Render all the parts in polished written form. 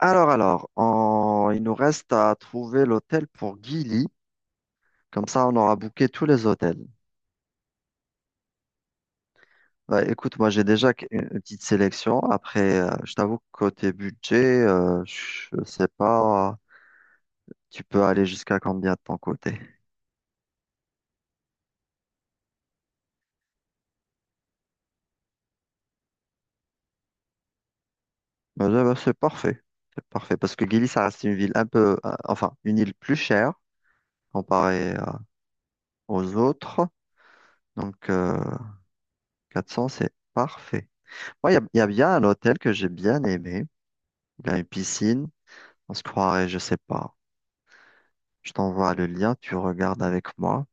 Il nous reste à trouver l'hôtel pour Gilly. Comme ça, on aura booké tous les hôtels. Bah, écoute, moi, j'ai déjà une petite sélection. Après, je t'avoue que côté budget, je sais pas, tu peux aller jusqu'à combien de ton côté? Bah, c'est parfait. C'est parfait. Parce que Gilly, ça reste une ville un peu, enfin, une île plus chère comparée, aux autres. Donc, 400, c'est parfait. Moi, il y a bien un hôtel que j'ai bien aimé. Il a une piscine. On se croirait, je sais pas. Je t'envoie le lien, tu regardes avec moi.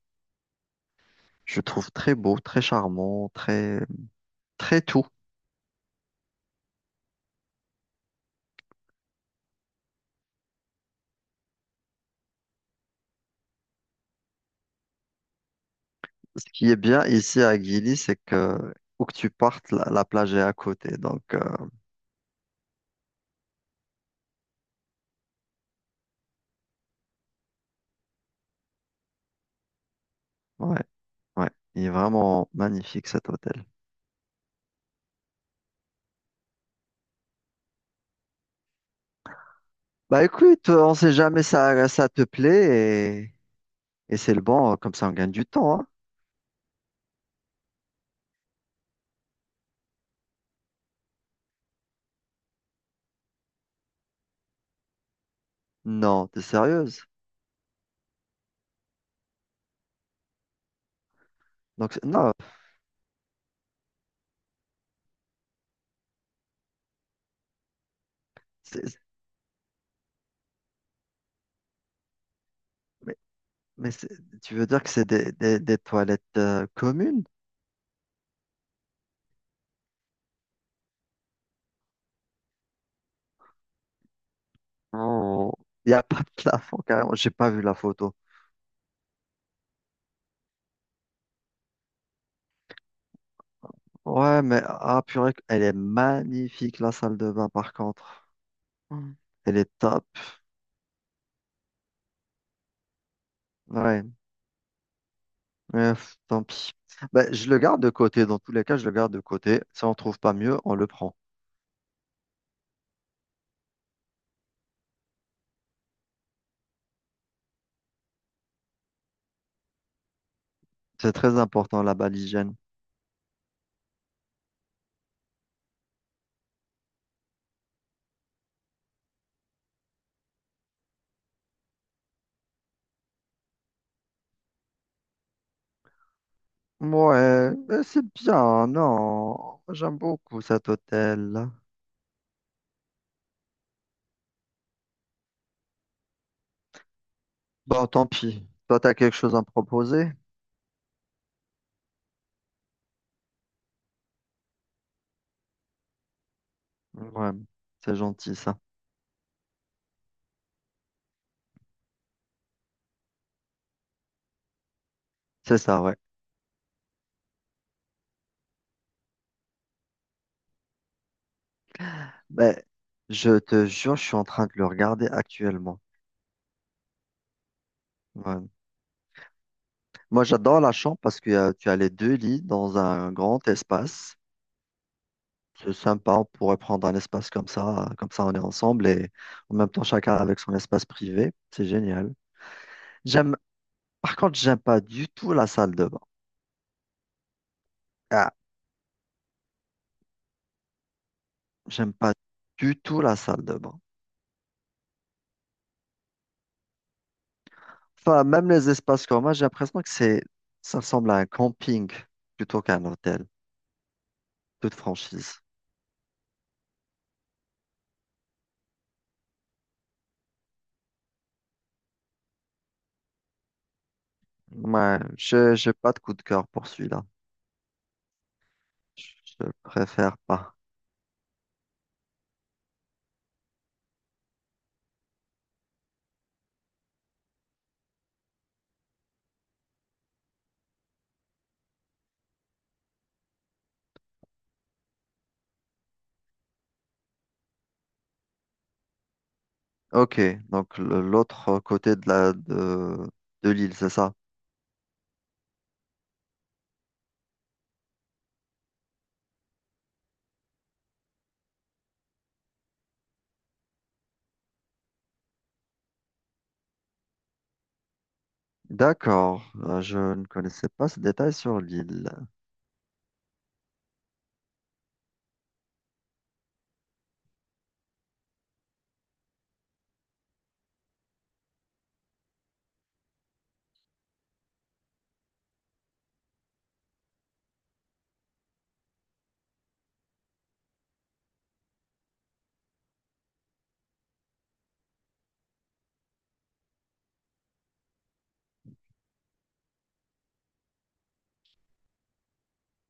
Je trouve très beau, très charmant, très tout. Ce qui est bien ici à Guilly, c'est que où que tu partes, la plage est à côté. Donc, ouais, ouais, il est vraiment magnifique cet hôtel. Bah écoute, on sait jamais ça te plaît et c'est le bon, comme ça on gagne du temps, hein. Non, t'es sérieuse? Donc, c'est- non, c'est- mais c'est- Tu veux dire que c'est des toilettes communes? Oh, il n'y a pas de plafond, carrément. J'ai pas vu la photo. Ouais, mais ah, purée, elle est magnifique, la salle de bain, par contre. Mm. Elle est top. Ouais, mais, pff, tant pis. Ben, je le garde de côté. Dans tous les cas, je le garde de côté. Si on trouve pas mieux, on le prend. C'est très important, là-bas, l'hygiène. Ouais, mais c'est bien, non. J'aime beaucoup cet hôtel. Bon, tant pis. Toi, t'as quelque chose à me proposer? Ouais, c'est gentil, ça. C'est ça, ouais. Ben, je te jure, je suis en train de le regarder actuellement. Ouais. Moi, j'adore la chambre parce que tu as les deux lits dans un grand espace. C'est sympa, on pourrait prendre un espace comme ça on est ensemble et en même temps chacun avec son espace privé. C'est génial. J'aime, par contre, j'aime pas du tout la salle de bain. Ah, j'aime pas du tout la salle de bain. Enfin, même les espaces communs, j'ai l'impression que c'est, ça ressemble à un camping plutôt qu'à un hôtel, toute franchise. Ouais, j'ai pas de coup de cœur pour celui-là. Je préfère pas. Ok, donc l'autre côté de de l'île, c'est ça? D'accord. Je ne connaissais pas ce détail sur l'île.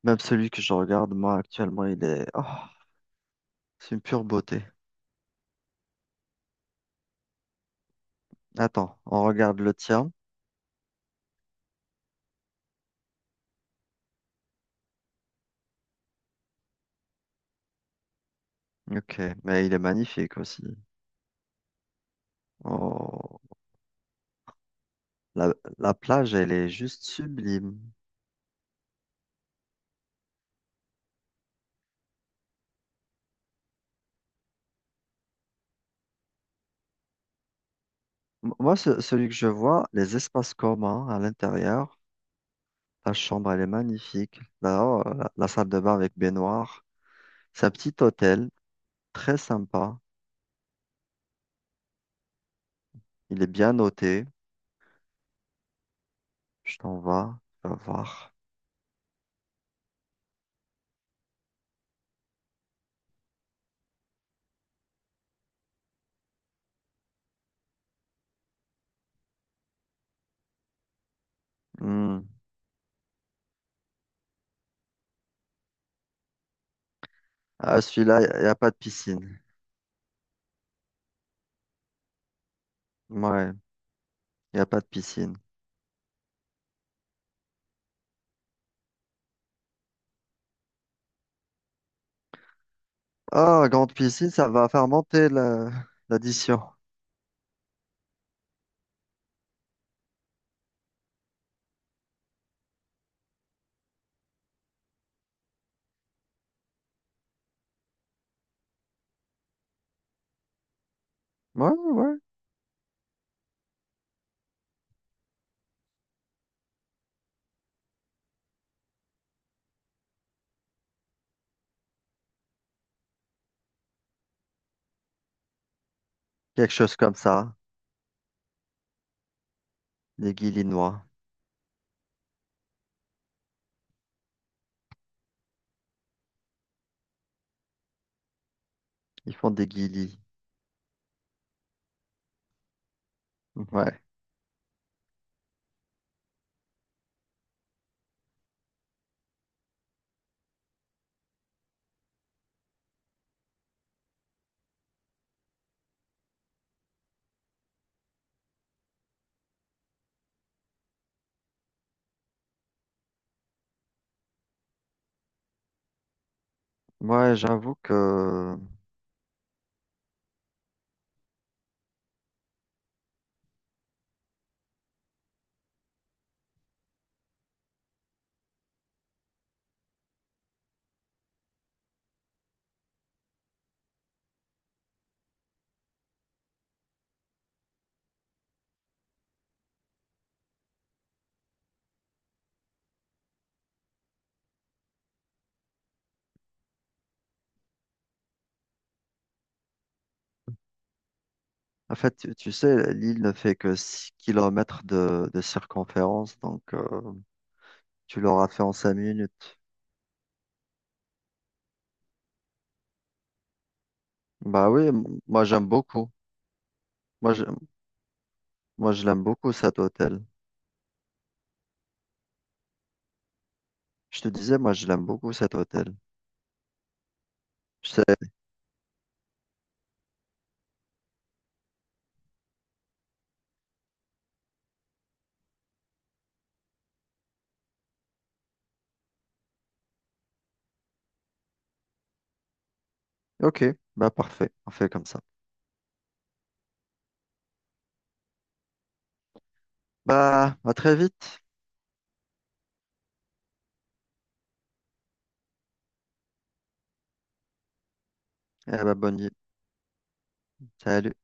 Même celui que je regarde, moi, actuellement, il est... Oh, c'est une pure beauté. Attends, on regarde le tien. Ok, mais il est magnifique aussi. Oh, la plage, elle est juste sublime. Celui que je vois, les espaces communs à l'intérieur. Ta chambre, elle est magnifique. Là la salle de bain avec baignoire. C'est un petit hôtel, très sympa. Il est bien noté. Je t'envoie. Vas, tu vas voir. Hmm. Ah, celui-là, il n'y y a pas de piscine. Ouais, il n'y a pas de piscine. Ah, grande piscine, ça va faire monter la- l'addition. Ouais, ouais, ouais. Quelque chose comme ça. Les Guilinois. Ils font des guilis. Ouais. Ouais, j'avoue que En fait, tu sais, l'île ne fait que 6 kilomètres de, circonférence, donc tu l'auras fait en 5 minutes. Bah oui, moi j'aime beaucoup. Moi je, moi je l'aime beaucoup cet hôtel. Je te disais, moi je l'aime beaucoup cet hôtel. Je sais, ok, bah parfait, on fait comme ça. Bah à très vite, et bah bonne nuit. Salut.